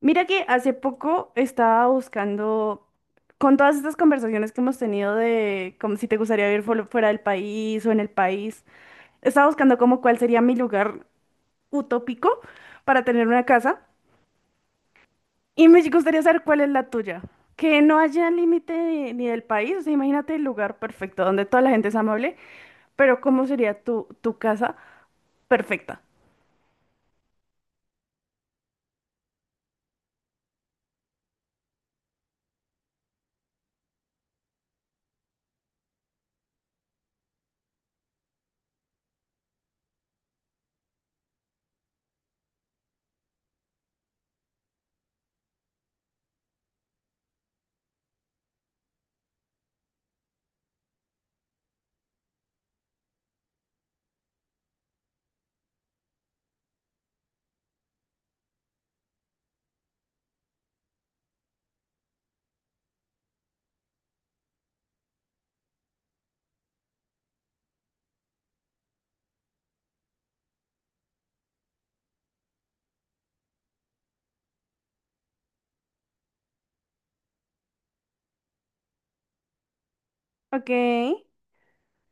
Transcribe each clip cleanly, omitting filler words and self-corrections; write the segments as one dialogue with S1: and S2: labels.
S1: Mira que hace poco estaba buscando, con todas estas conversaciones que hemos tenido de como si te gustaría vivir fuera del país o en el país, estaba buscando como cuál sería mi lugar utópico para tener una casa y me gustaría saber cuál es la tuya. Que no haya límite de- ni del país, o sea, imagínate el lugar perfecto donde toda la gente es amable, pero ¿cómo sería tu casa perfecta? Ok.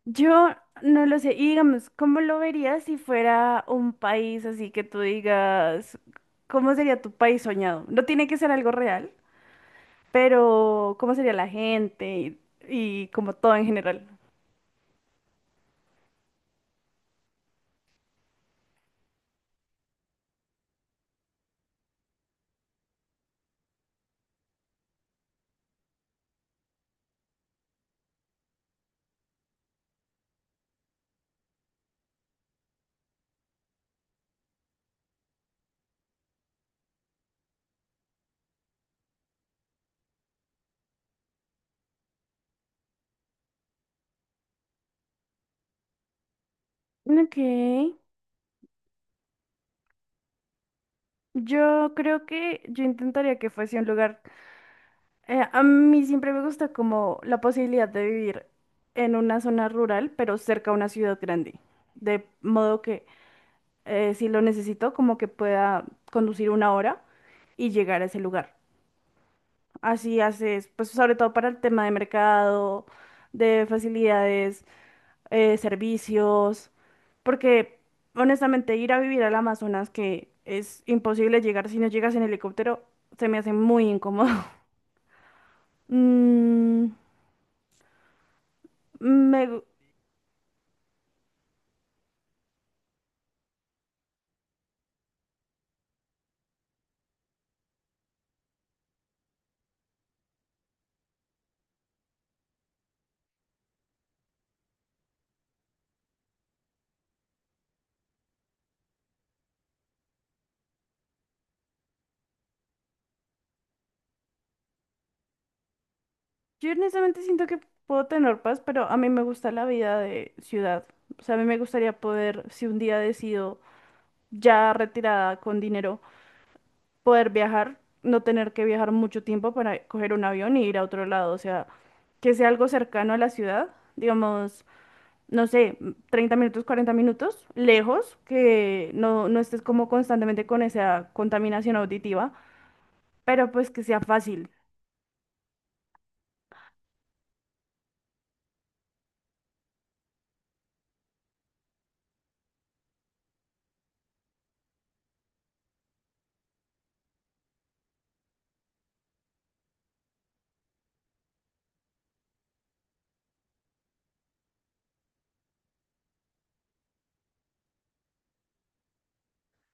S1: Yo no lo sé. Y digamos, ¿cómo lo verías si fuera un país así que tú digas, cómo sería tu país soñado? No tiene que ser algo real, pero ¿cómo sería la gente y como todo en general? Ok. Yo creo que yo intentaría que fuese un lugar. Eh, a mí siempre me gusta como la posibilidad de vivir en una zona rural, pero cerca a una ciudad grande. De modo que, si lo necesito, como que pueda conducir una hora y llegar a ese lugar. Así haces, pues sobre todo para el tema de mercado, de facilidades, servicios, porque honestamente ir a vivir al Amazonas, que es imposible llegar si no llegas en helicóptero, se me hace muy incómodo. Mm, me gu- yo honestamente siento que puedo tener paz, pero a mí me gusta la vida de ciudad. O sea, a mí me gustaría poder, si un día decido ya retirada con dinero, poder viajar, no tener que viajar mucho tiempo para coger un avión y ir a otro lado, o sea, que sea algo cercano a la ciudad, digamos, no sé, 30 minutos, 40 minutos, lejos, que no, no estés como constantemente con esa contaminación auditiva, pero pues que sea fácil.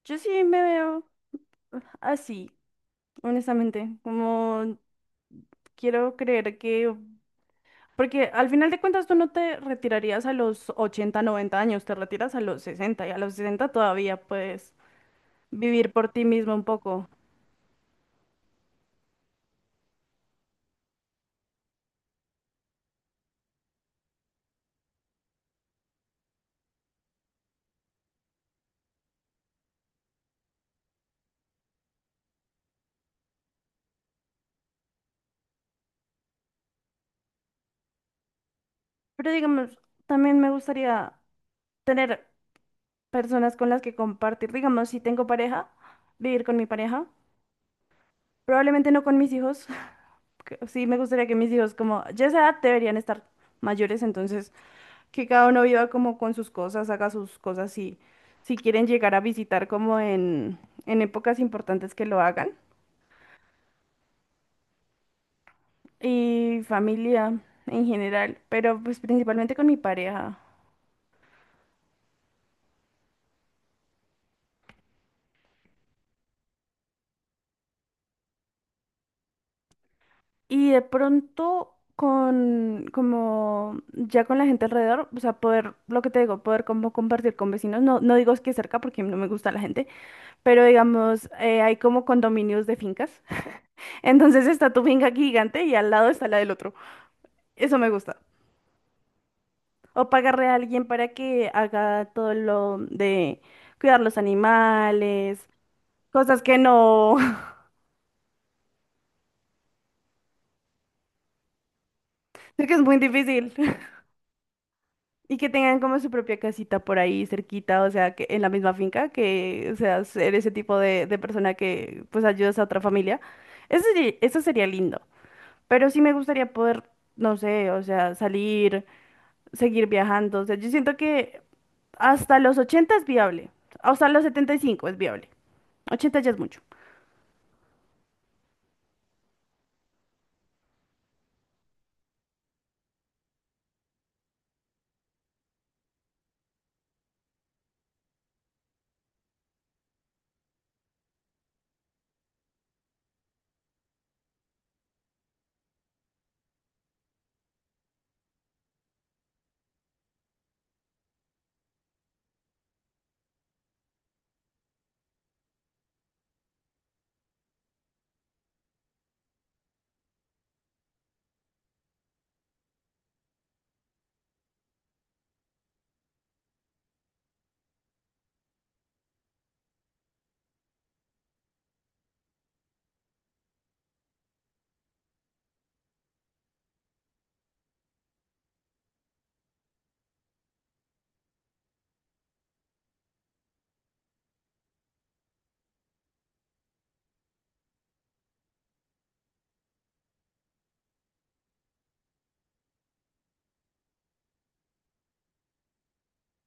S1: Yo sí me veo así, honestamente, como quiero creer que. Porque al final de cuentas tú no te retirarías a los 80 90 años, te retiras a los 60 y a los 60 todavía puedes vivir por ti mismo un poco. Pero digamos, también me gustaría tener personas con las que compartir. Digamos, si tengo pareja, vivir con mi pareja. Probablemente no con mis hijos. que Sí, me gustaría que mis hijos como ya a esa edad deberían estar mayores, entonces que cada uno viva como con sus cosas, haga sus cosas y si quieren llegar a visitar en épocas importantes que lo hagan, y familia en general, pero pues principalmente con mi pareja. Y de pronto con, como ya con la gente alrededor, o sea, poder, lo que te digo, poder como compartir con vecinos, no, no digo es que cerca porque no me gusta la gente, pero digamos, hay como condominios de fincas, entonces está tu finca gigante y al lado está la del otro, eso me gusta. O pagarle a alguien para que haga todo lo de cuidar los animales, cosas que no, sé que es muy difícil. Y que tengan como su propia casita por ahí cerquita, o sea, que en la misma finca, que, o sea, ser ese tipo de persona que pues ayudas a otra familia. Eso sería lindo. Pero sí me gustaría poder, no sé, o sea, salir, seguir viajando. O sea, yo siento que hasta los 80 es viable. Hasta los 75 es viable. Ochenta ya es mucho.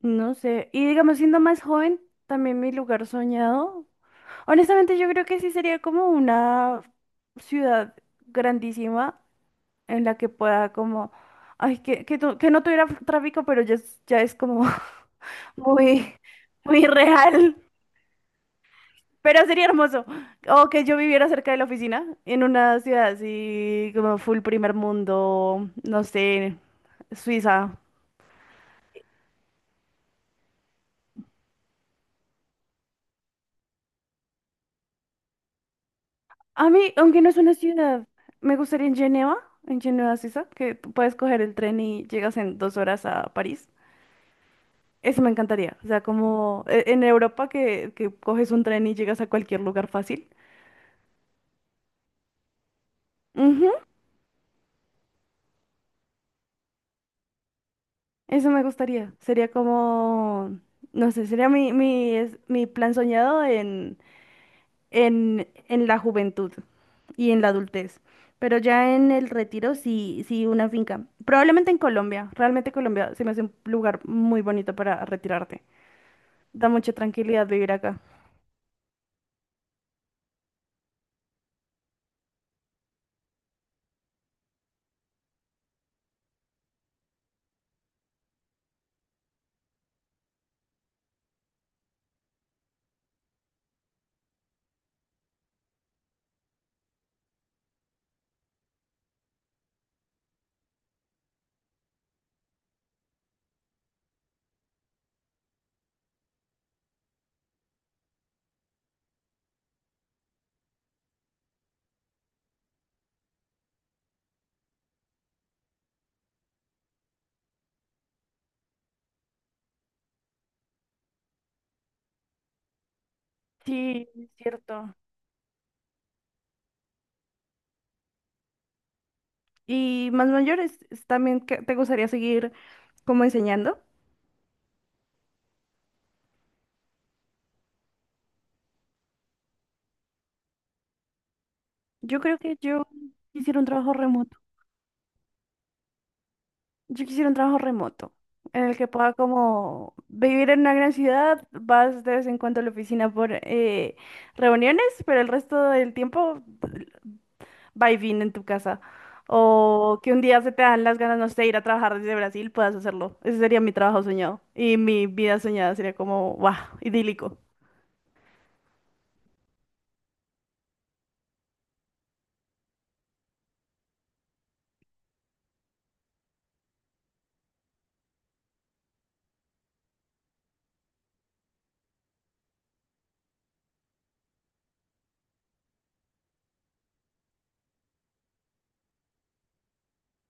S1: No sé. Y digamos, siendo más joven, también mi lugar soñado. Honestamente, yo creo que sí sería como una ciudad grandísima en la que pueda como, ay, que, que no tuviera tráfico, pero ya es como muy, muy real. Pero sería hermoso. O que yo viviera cerca de la oficina, en una ciudad así como full primer mundo, no sé, Suiza. A mí, aunque no es una ciudad, me gustaría en Geneva, Suiza, que tú puedes coger el tren y llegas en dos horas a París. Eso me encantaría. O sea, como, en Europa que coges un tren y llegas a cualquier lugar fácil. Ujú. Eso me gustaría. Sería como, no sé, sería mi plan soñado en, en la juventud y en la adultez. Pero ya en el retiro sí, sí una finca. Probablemente en Colombia. Realmente Colombia se me hace un lugar muy bonito para retirarte. Da mucha tranquilidad vivir acá. Sí, es cierto. Y más mayores, es también que te gustaría seguir como enseñando. Yo creo que yo quisiera un trabajo remoto. Yo quisiera un trabajo remoto en el que pueda como vivir en una gran ciudad, vas de vez en cuando a la oficina por, reuniones, pero el resto del tiempo va y viene en tu casa. O que un día se te dan las ganas, no sé, ir a trabajar desde Brasil, puedas hacerlo. Ese sería mi trabajo soñado. Y mi vida soñada sería como, wow, idílico.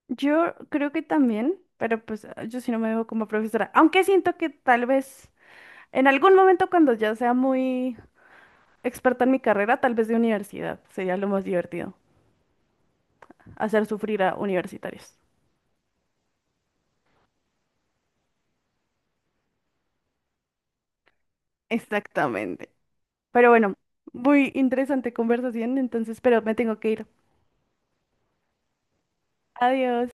S1: Yo creo que también, pero pues ah, yo sí no me veo como profesora, aunque siento que tal vez en algún momento cuando ya sea muy experta en mi carrera, tal vez de universidad, sería lo más divertido, hacer sufrir a universitarios. Exactamente. Pero bueno, muy interesante conversación, entonces, pero me tengo que ir. Adiós.